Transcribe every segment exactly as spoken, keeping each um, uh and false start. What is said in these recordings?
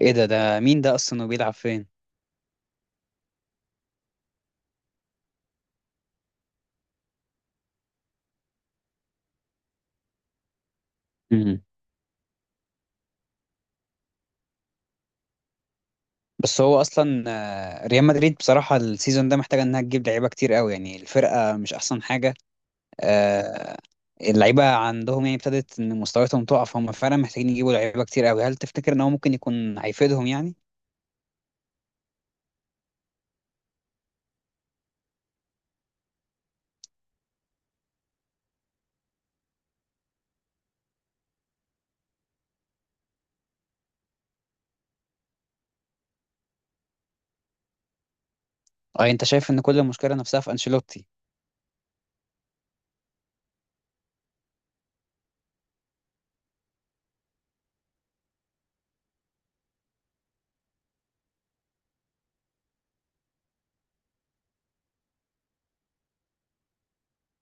ايه ده ده مين ده اصلا وبيلعب فين؟ مم. بس هو اصلا، آه، ريال مدريد بصراحه السيزون ده محتاجه انها تجيب لعيبه كتير قوي، يعني الفرقه مش احسن حاجه. آه، اللعيبه عندهم يعني ابتدت ان مستوياتهم تقع، فهم فعلا محتاجين يجيبوا لعيبه كتير قوي. هل تفتكر ان هو ممكن يكون هيفيدهم يعني؟ اه، انت شايف ان كل المشكله نفسها في انشيلوتي؟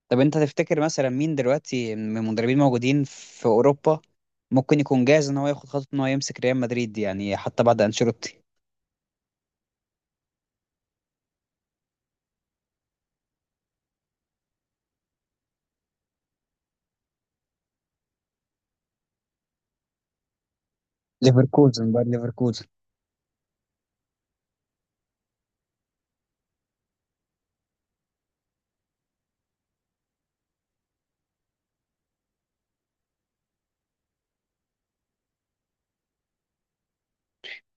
طب انت تفتكر مثلا مين دلوقتي من المدربين موجودين في اوروبا ممكن يكون جاهز ان هو ياخد خطوه ان هو يمسك ريال مدريد، يعني حتى بعد انشيلوتي؟ ليفركوزن بقى، ليفركوزن.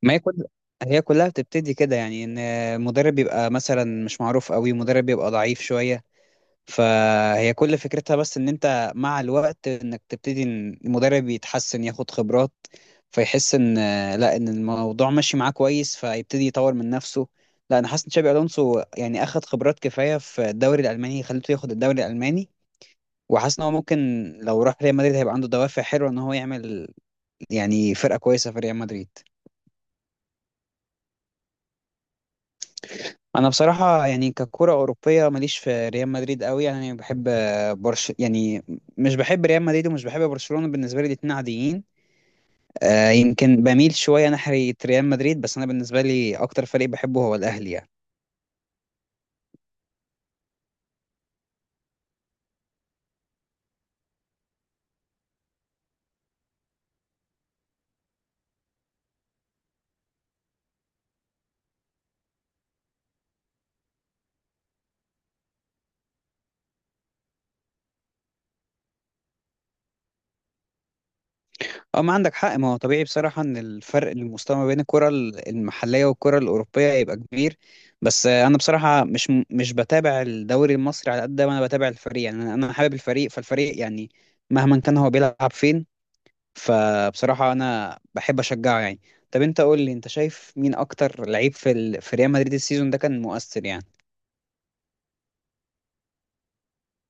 ما هي كل هي كلها بتبتدي كده، يعني ان مدرب بيبقى مثلا مش معروف قوي، مدرب بيبقى ضعيف شوية. فهي كل فكرتها بس ان انت مع الوقت انك تبتدي ان المدرب يتحسن، ياخد خبرات، فيحس ان لا ان الموضوع ماشي معاه كويس، فيبتدي يطور من نفسه. لا، انا حاسس ان تشابي الونسو يعني اخد خبرات كفاية في الدوري الالماني، خليته ياخد الدوري الالماني. وحاسس ان هو ممكن، لو راح ريال مدريد هيبقى عنده دوافع حلوة ان هو يعمل يعني فرقة كويسة في ريال مدريد. انا بصراحه يعني ككره اوروبيه ماليش في ريال مدريد قوي، يعني بحب آه، برش يعني. مش بحب ريال مدريد ومش بحب برشلونه، بالنسبه لي الاتنين عاديين. آه، يمكن بميل شويه ناحيه ريال مدريد، بس انا بالنسبه لي اكتر فريق بحبه هو الاهلي يعني. اه، ما عندك حق. ما هو طبيعي بصراحه ان الفرق المستوى ما بين الكره ال- المحليه والكره الاوروبيه يبقى كبير. بس آه، انا بصراحه مش مش بتابع الدوري المصري على قد ما انا بتابع الفريق، يعني انا أنا حابب الفريق، فالفريق يعني مهما كان هو بيلعب فين، فبصراحة أنا بحب أشجعه يعني. طب أنت قول لي، أنت شايف مين أكتر لعيب في ال... في ريال مدريد السيزون ده كان مؤثر يعني؟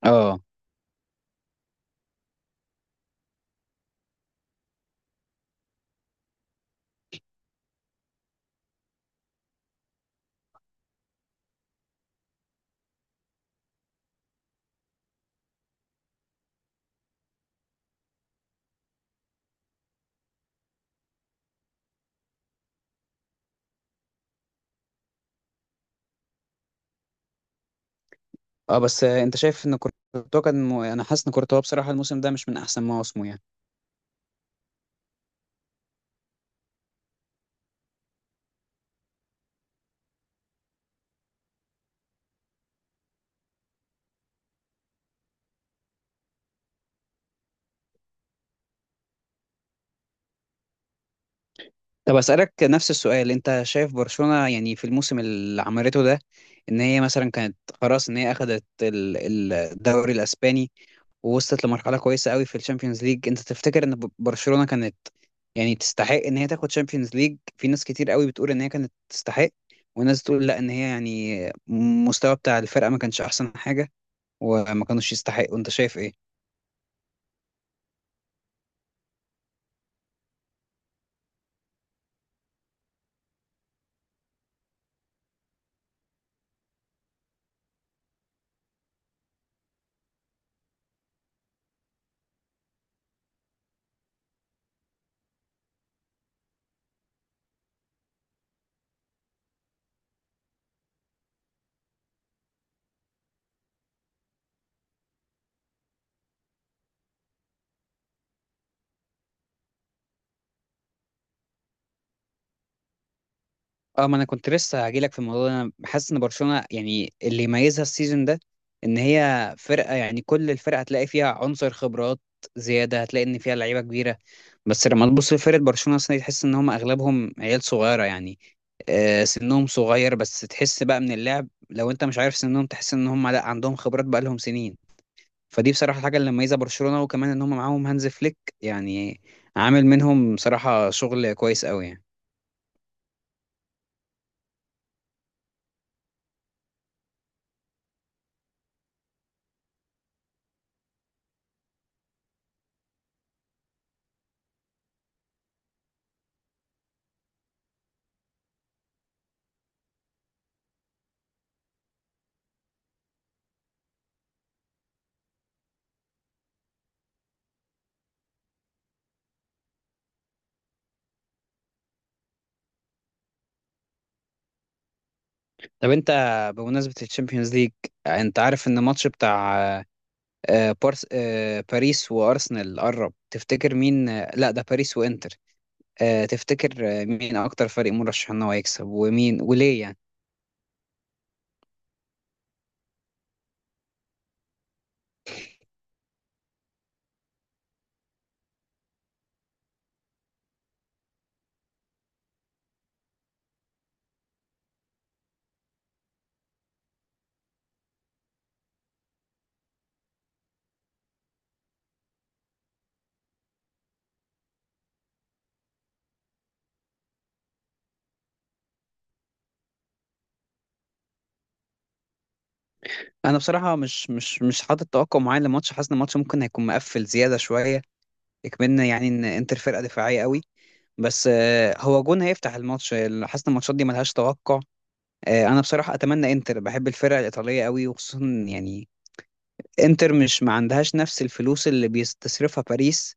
اه. اه، بس آه، انت شايف ان كورتوا كان م... انا حاسس ان كورتوا بصراحه الموسم ده مش من احسن مواسمه يعني. طب اسالك نفس السؤال، انت شايف برشلونه يعني في الموسم اللي عملته ده ان هي مثلا كانت خلاص، ان هي اخذت ال- ال- الدوري الاسباني ووصلت لمرحله كويسه قوي في الشامبيونز ليج. انت تفتكر ان ب- برشلونه كانت يعني تستحق ان هي تاخد شامبيونز ليج؟ في ناس كتير قوي بتقول ان هي كانت تستحق، وناس تقول لا، ان هي يعني المستوى بتاع الفرقه ما كانش احسن حاجه وما كانوش يستحقوا. انت شايف ايه؟ اه، ما انا كنت لسه هجيلك في الموضوع ده. انا حاسس ان برشلونه يعني اللي يميزها السيزون ده ان هي فرقه، يعني كل الفرقه هتلاقي فيها عنصر خبرات زياده، هتلاقي ان فيها لعيبه كبيره. بس لما تبص لفرقة برشلونة السنة دي، تحس ان هم اغلبهم عيال صغيرة يعني. آه، سنهم صغير، بس تحس بقى من اللعب لو انت مش عارف سنهم، تحس ان هم لا عندهم خبرات، بقى لهم سنين. فدي بصراحة الحاجة اللي مميزة برشلونة، وكمان ان هم معاهم هانز فليك يعني، عامل منهم بصراحة شغل كويس قوي يعني. طب انت، بمناسبة الشامبيونز ليج، انت عارف ان الماتش بتاع آه، بارس آه، باريس وارسنال قرب؟ تفتكر مين، آه، لا، ده باريس وانتر. آه، تفتكر آه، مين اكتر فريق مرشح ان هو يكسب ومين وليه يعني؟ انا بصراحه مش مش مش حاطط توقع معين للماتش، حاسس ان الماتش ممكن هيكون مقفل زياده شويه، يكملنا يعني ان انتر فرقه دفاعيه قوي، بس آه، هو جون هيفتح الماتش. حاسس ان الماتشات دي ملهاش توقع. آه، انا بصراحه اتمنى انتر، بحب الفرقه الايطاليه قوي وخصوصا يعني انتر مش ما عندهاش نفس الفلوس اللي بيستصرفها باريس،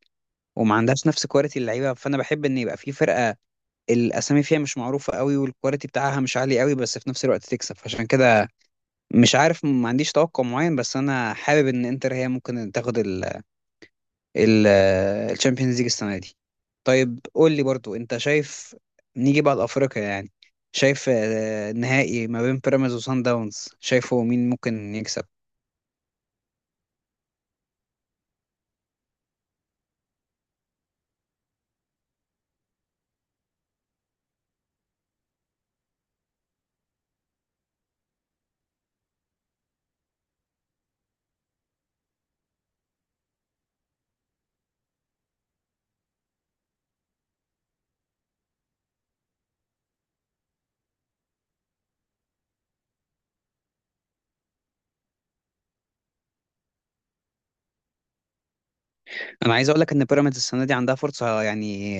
وما عندهاش نفس كواليتي اللعيبه، فانا بحب ان يبقى في فرقه الاسامي فيها مش معروفه قوي والكواليتي بتاعها مش عالي قوي، بس في نفس الوقت تكسب. فعشان كده مش عارف ما عنديش توقع معين، بس انا حابب ان انتر هي ممكن تاخد ال ال الشامبيونز ليج السنه دي. طيب قول لي برضو، انت شايف، نيجي بعد افريقيا يعني، شايف آه، النهائي ما بين بيراميدز وسان داونز، شايفه مين ممكن يكسب؟ انا عايز اقول لك ان بيراميدز السنه دي عندها فرصه، يعني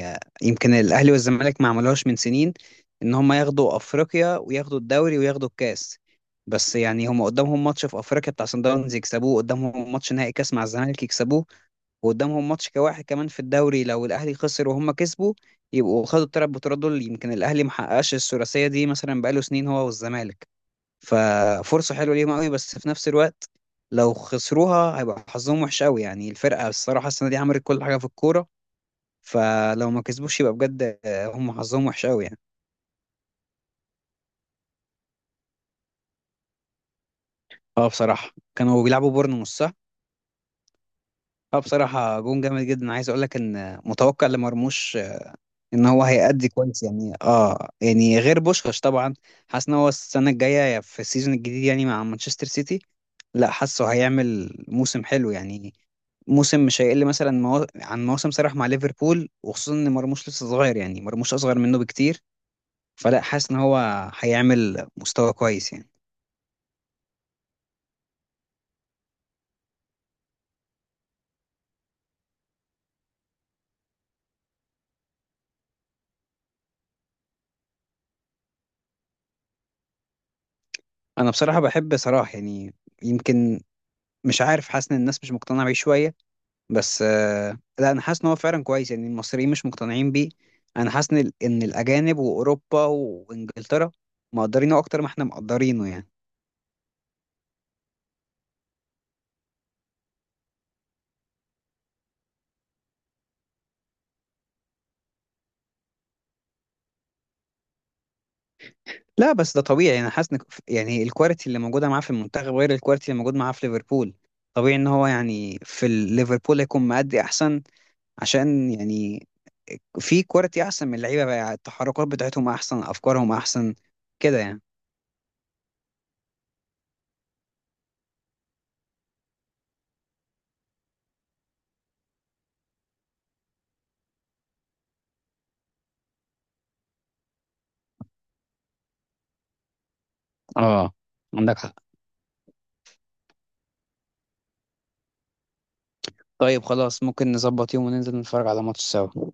يمكن الاهلي والزمالك ما عملوهاش من سنين، ان هم ياخدوا افريقيا وياخدوا الدوري وياخدوا الكاس. بس يعني هم قدامهم ماتش في افريقيا بتاع سان داونز يكسبوه، قدامهم ماتش نهائي كاس مع الزمالك يكسبوه، وقدامهم ماتش كواحد كمان في الدوري، لو الاهلي خسر وهم كسبوا يبقوا خدوا الثلاث بطولات دول. يمكن الاهلي ما حققش الثلاثيه دي مثلا بقاله سنين، هو والزمالك. ففرصة حلوة ليهم قوي، بس في نفس الوقت لو خسروها هيبقى حظهم وحش قوي يعني. الفرقة الصراحة السنة دي عملت كل حاجة في الكورة، فلو ما كسبوش يبقى بجد آه، هم حظهم وحش قوي يعني. اه، بصراحة كانوا بيلعبوا بورنموث، صح؟ اه، بصراحة جون جامد جدا. عايز اقول لك ان متوقع لمرموش ان هو هيأدي كويس يعني، اه يعني غير بوشكاش طبعا. حاسس ان هو السنه الجايه في السيزون الجديد يعني، مع مانشستر سيتي، لا حاسه هيعمل موسم حلو يعني، موسم مش هيقل مثلا مو... عن موسم صلاح مع ليفربول، وخصوصا ان مرموش لسه صغير يعني، مرموش اصغر منه بكتير. فلا حاسس ان هو هيعمل مستوى كويس يعني. انا بصراحه بحب صلاح يعني، يمكن مش عارف، حاسس ان الناس مش مقتنعه بيه شويه، بس آه، لا، انا حاسس ان هو فعلا كويس يعني. المصريين مش مقتنعين بيه. انا حاسس ان ال- إن الاجانب واوروبا وانجلترا مقدرينه اكتر ما احنا مقدرينه يعني. لا بس ده طبيعي. انا حاسس ان ف- يعني الكواليتي اللي موجوده معاه في المنتخب غير الكواليتي اللي موجود معاه في ليفربول. طبيعي ان هو يعني في ال- ليفربول هيكون مادي احسن، عشان يعني في كواليتي احسن من اللعيبه بقى يعني، التحركات بتاعتهم احسن، افكارهم احسن كده يعني. اه، عندك حق. طيب خلاص، ممكن نظبط يوم وننزل نتفرج على ماتش سوا.